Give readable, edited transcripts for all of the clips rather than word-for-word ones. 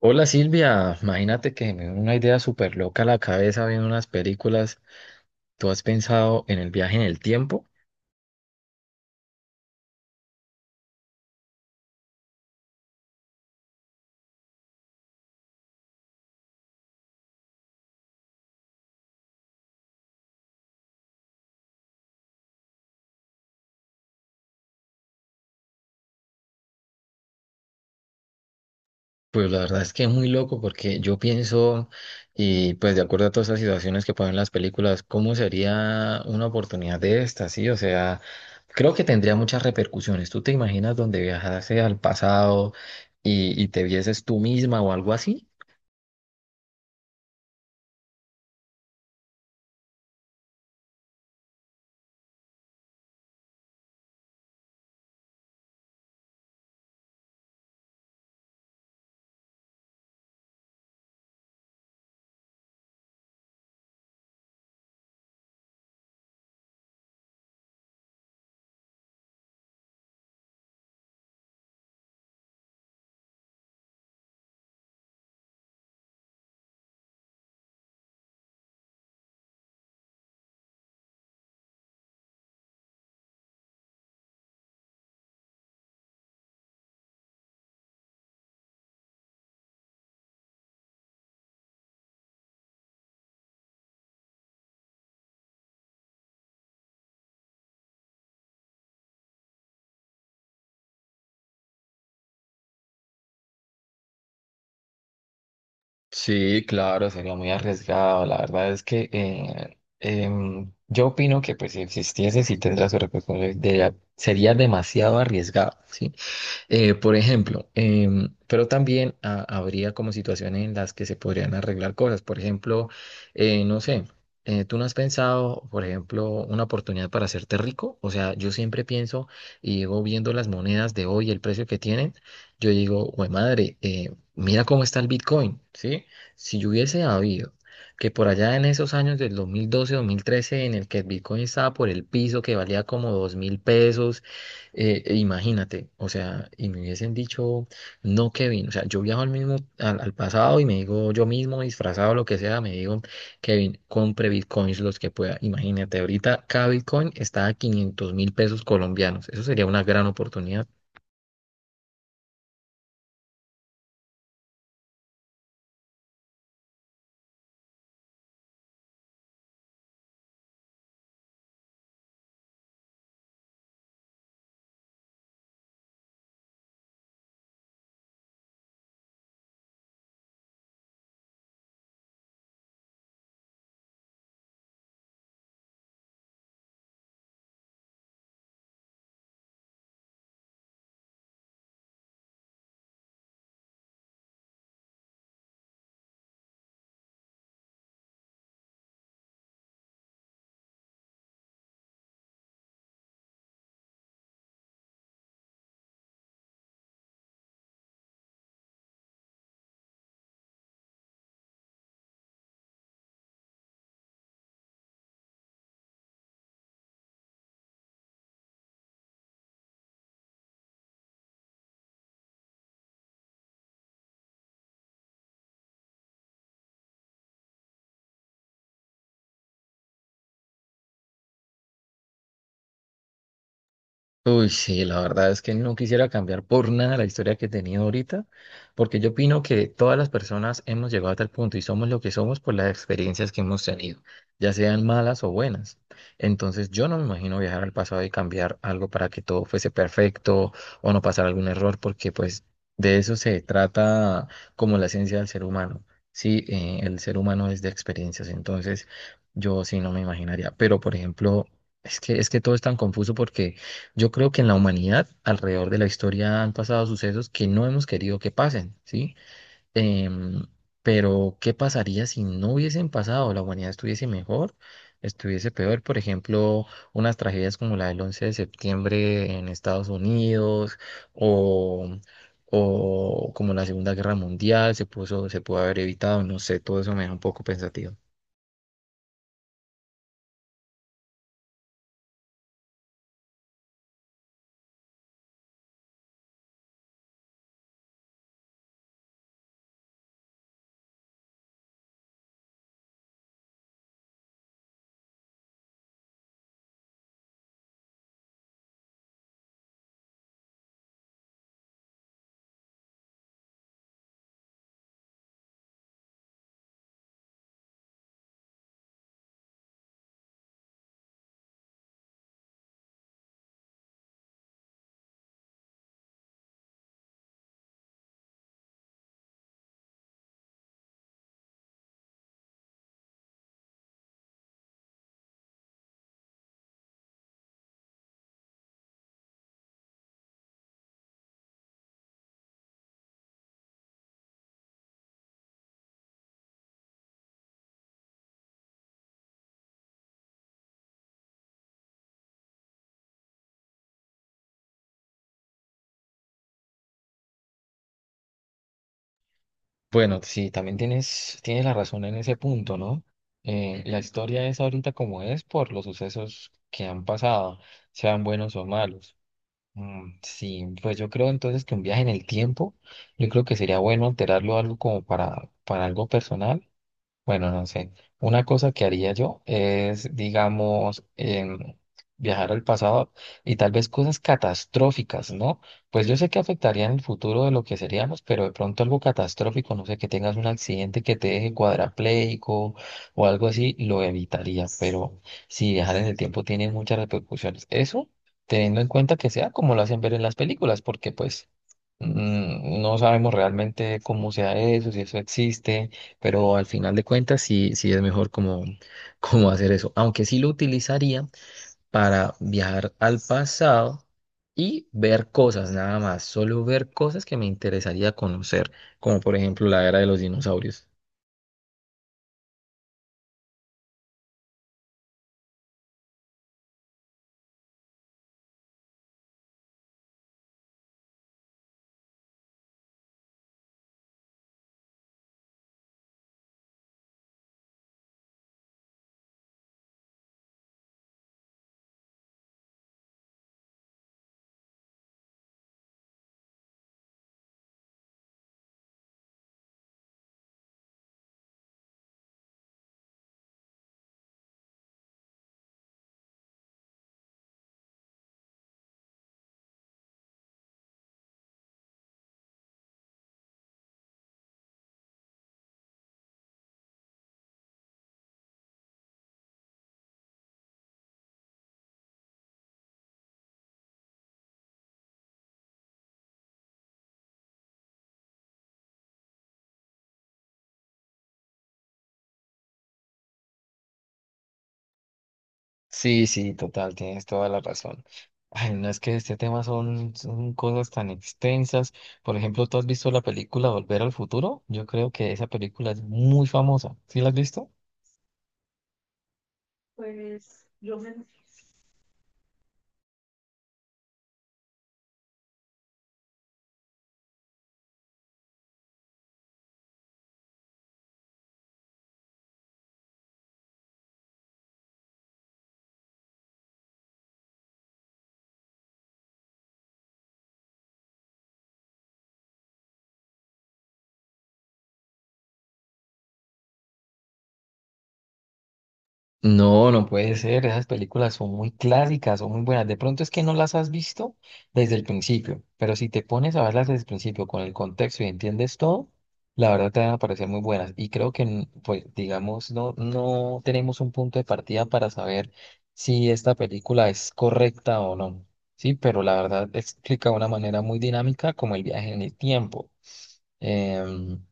Hola Silvia, imagínate que me dio una idea súper loca a la cabeza viendo unas películas. ¿Tú has pensado en el viaje en el tiempo? Pues la verdad es que es muy loco porque yo pienso, y pues de acuerdo a todas estas situaciones que ponen las películas, ¿cómo sería una oportunidad de esta? Sí, o sea, creo que tendría muchas repercusiones. ¿Tú te imaginas donde viajase al pasado y te vieses tú misma o algo así? Sí, claro, sería muy arriesgado. La verdad es que yo opino que pues si existiese, si tendría su responsabilidad, sería demasiado arriesgado, ¿sí? Por ejemplo, pero también habría como situaciones en las que se podrían arreglar cosas. Por ejemplo, no sé, ¿tú no has pensado, por ejemplo, una oportunidad para hacerte rico? O sea, yo siempre pienso y llego viendo las monedas de hoy, el precio que tienen, yo digo, güey, madre, mira cómo está el Bitcoin, ¿sí? Si yo hubiese habido que por allá en esos años del 2012, 2013, en el que el Bitcoin estaba por el piso, que valía como 2.000 pesos, e imagínate, o sea, y me hubiesen dicho, no, Kevin, o sea, yo viajo al mismo, al pasado y me digo yo mismo, disfrazado, lo que sea, me digo, Kevin, compre bitcoins los que pueda. Imagínate, ahorita cada bitcoin está a 500 mil pesos colombianos. Eso sería una gran oportunidad. Uy, sí, la verdad es que no quisiera cambiar por nada la historia que he tenido ahorita, porque yo opino que todas las personas hemos llegado a tal punto y somos lo que somos por las experiencias que hemos tenido, ya sean malas o buenas. Entonces, yo no me imagino viajar al pasado y cambiar algo para que todo fuese perfecto o no pasar algún error, porque pues de eso se trata como la esencia del ser humano. Sí, el ser humano es de experiencias, entonces yo sí no me imaginaría. Pero, por ejemplo, es que todo es tan confuso porque... Yo creo que en la humanidad, alrededor de la historia, han pasado sucesos que no hemos querido que pasen, ¿sí? Em, pero, ¿qué pasaría si no hubiesen pasado? ¿La humanidad estuviese mejor? ¿Estuviese peor? Por ejemplo, unas tragedias como la del 11 de septiembre en Estados Unidos o, o como la Segunda Guerra Mundial se puso, se pudo haber evitado, no sé, todo eso me da un poco pensativo. Bueno, sí, también tienes la razón en ese punto, ¿no? La historia es ahorita como es por los sucesos que han pasado, sean buenos o malos. Mm, sí, pues yo creo entonces que un viaje en el tiempo, yo creo que sería bueno alterarlo algo como para algo personal. Bueno, no sé. Una cosa que haría yo es, digamos, viajar al pasado y tal vez cosas catastróficas, ¿no? Pues yo sé que afectarían el futuro de lo que seríamos, pero de pronto algo catastrófico, no sé, que tengas un accidente que te deje cuadrapléjico o algo así, lo evitaría. Pero si viajar en el tiempo tiene muchas repercusiones. Eso teniendo en cuenta que sea como lo hacen ver en las películas, porque pues no sabemos realmente cómo sea eso, si eso existe, pero al final de cuentas sí, sí es mejor como, como hacer eso. Aunque sí lo utilizaría para viajar al pasado y ver cosas, nada más, solo ver cosas que me interesaría conocer, como por ejemplo la era de los dinosaurios. Sí, sí, total, tienes toda la razón. Ay, no es que este tema son, son cosas tan extensas. Por ejemplo, ¿tú has visto la película Volver al Futuro? Yo creo que esa película es muy famosa. ¿Sí la has visto? No, no puede ser. Esas películas son muy clásicas, son muy buenas. De pronto es que no las has visto desde el principio, pero si te pones a verlas desde el principio con el contexto y entiendes todo, la verdad te van a parecer muy buenas. Y creo que, pues, digamos, no, no tenemos un punto de partida para saber si esta película es correcta o no. Sí, pero la verdad explica de una manera muy dinámica como el viaje en el tiempo. Em,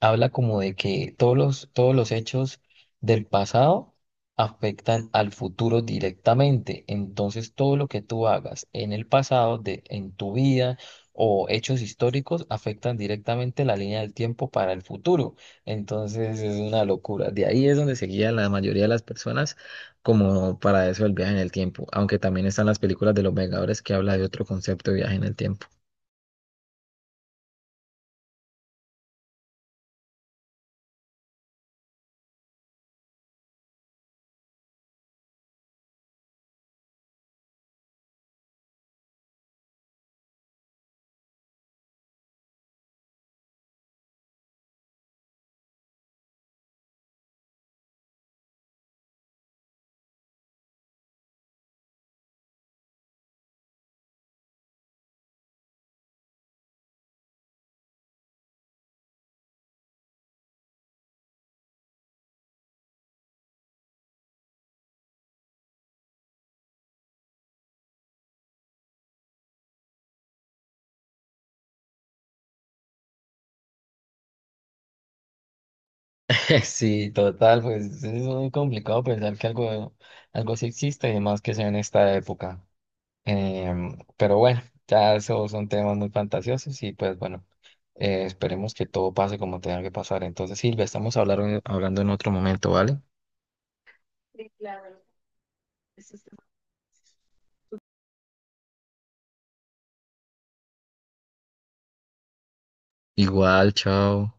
Habla como de que todos los hechos del pasado afectan al futuro directamente. Entonces, todo lo que tú hagas en el pasado, de, en tu vida o hechos históricos afectan directamente la línea del tiempo para el futuro. Entonces, es una locura. De ahí es donde se guía la mayoría de las personas como para eso el viaje en el tiempo. Aunque también están las películas de los Vengadores que habla de otro concepto de viaje en el tiempo. Sí, total, pues es muy complicado pensar que algo, algo sí existe y más que sea en esta época. Pero bueno, ya esos son temas muy fantasiosos y pues bueno, esperemos que todo pase como tenga que pasar. Entonces, Silvia, estamos hablando en otro momento, ¿vale? Igual, chao.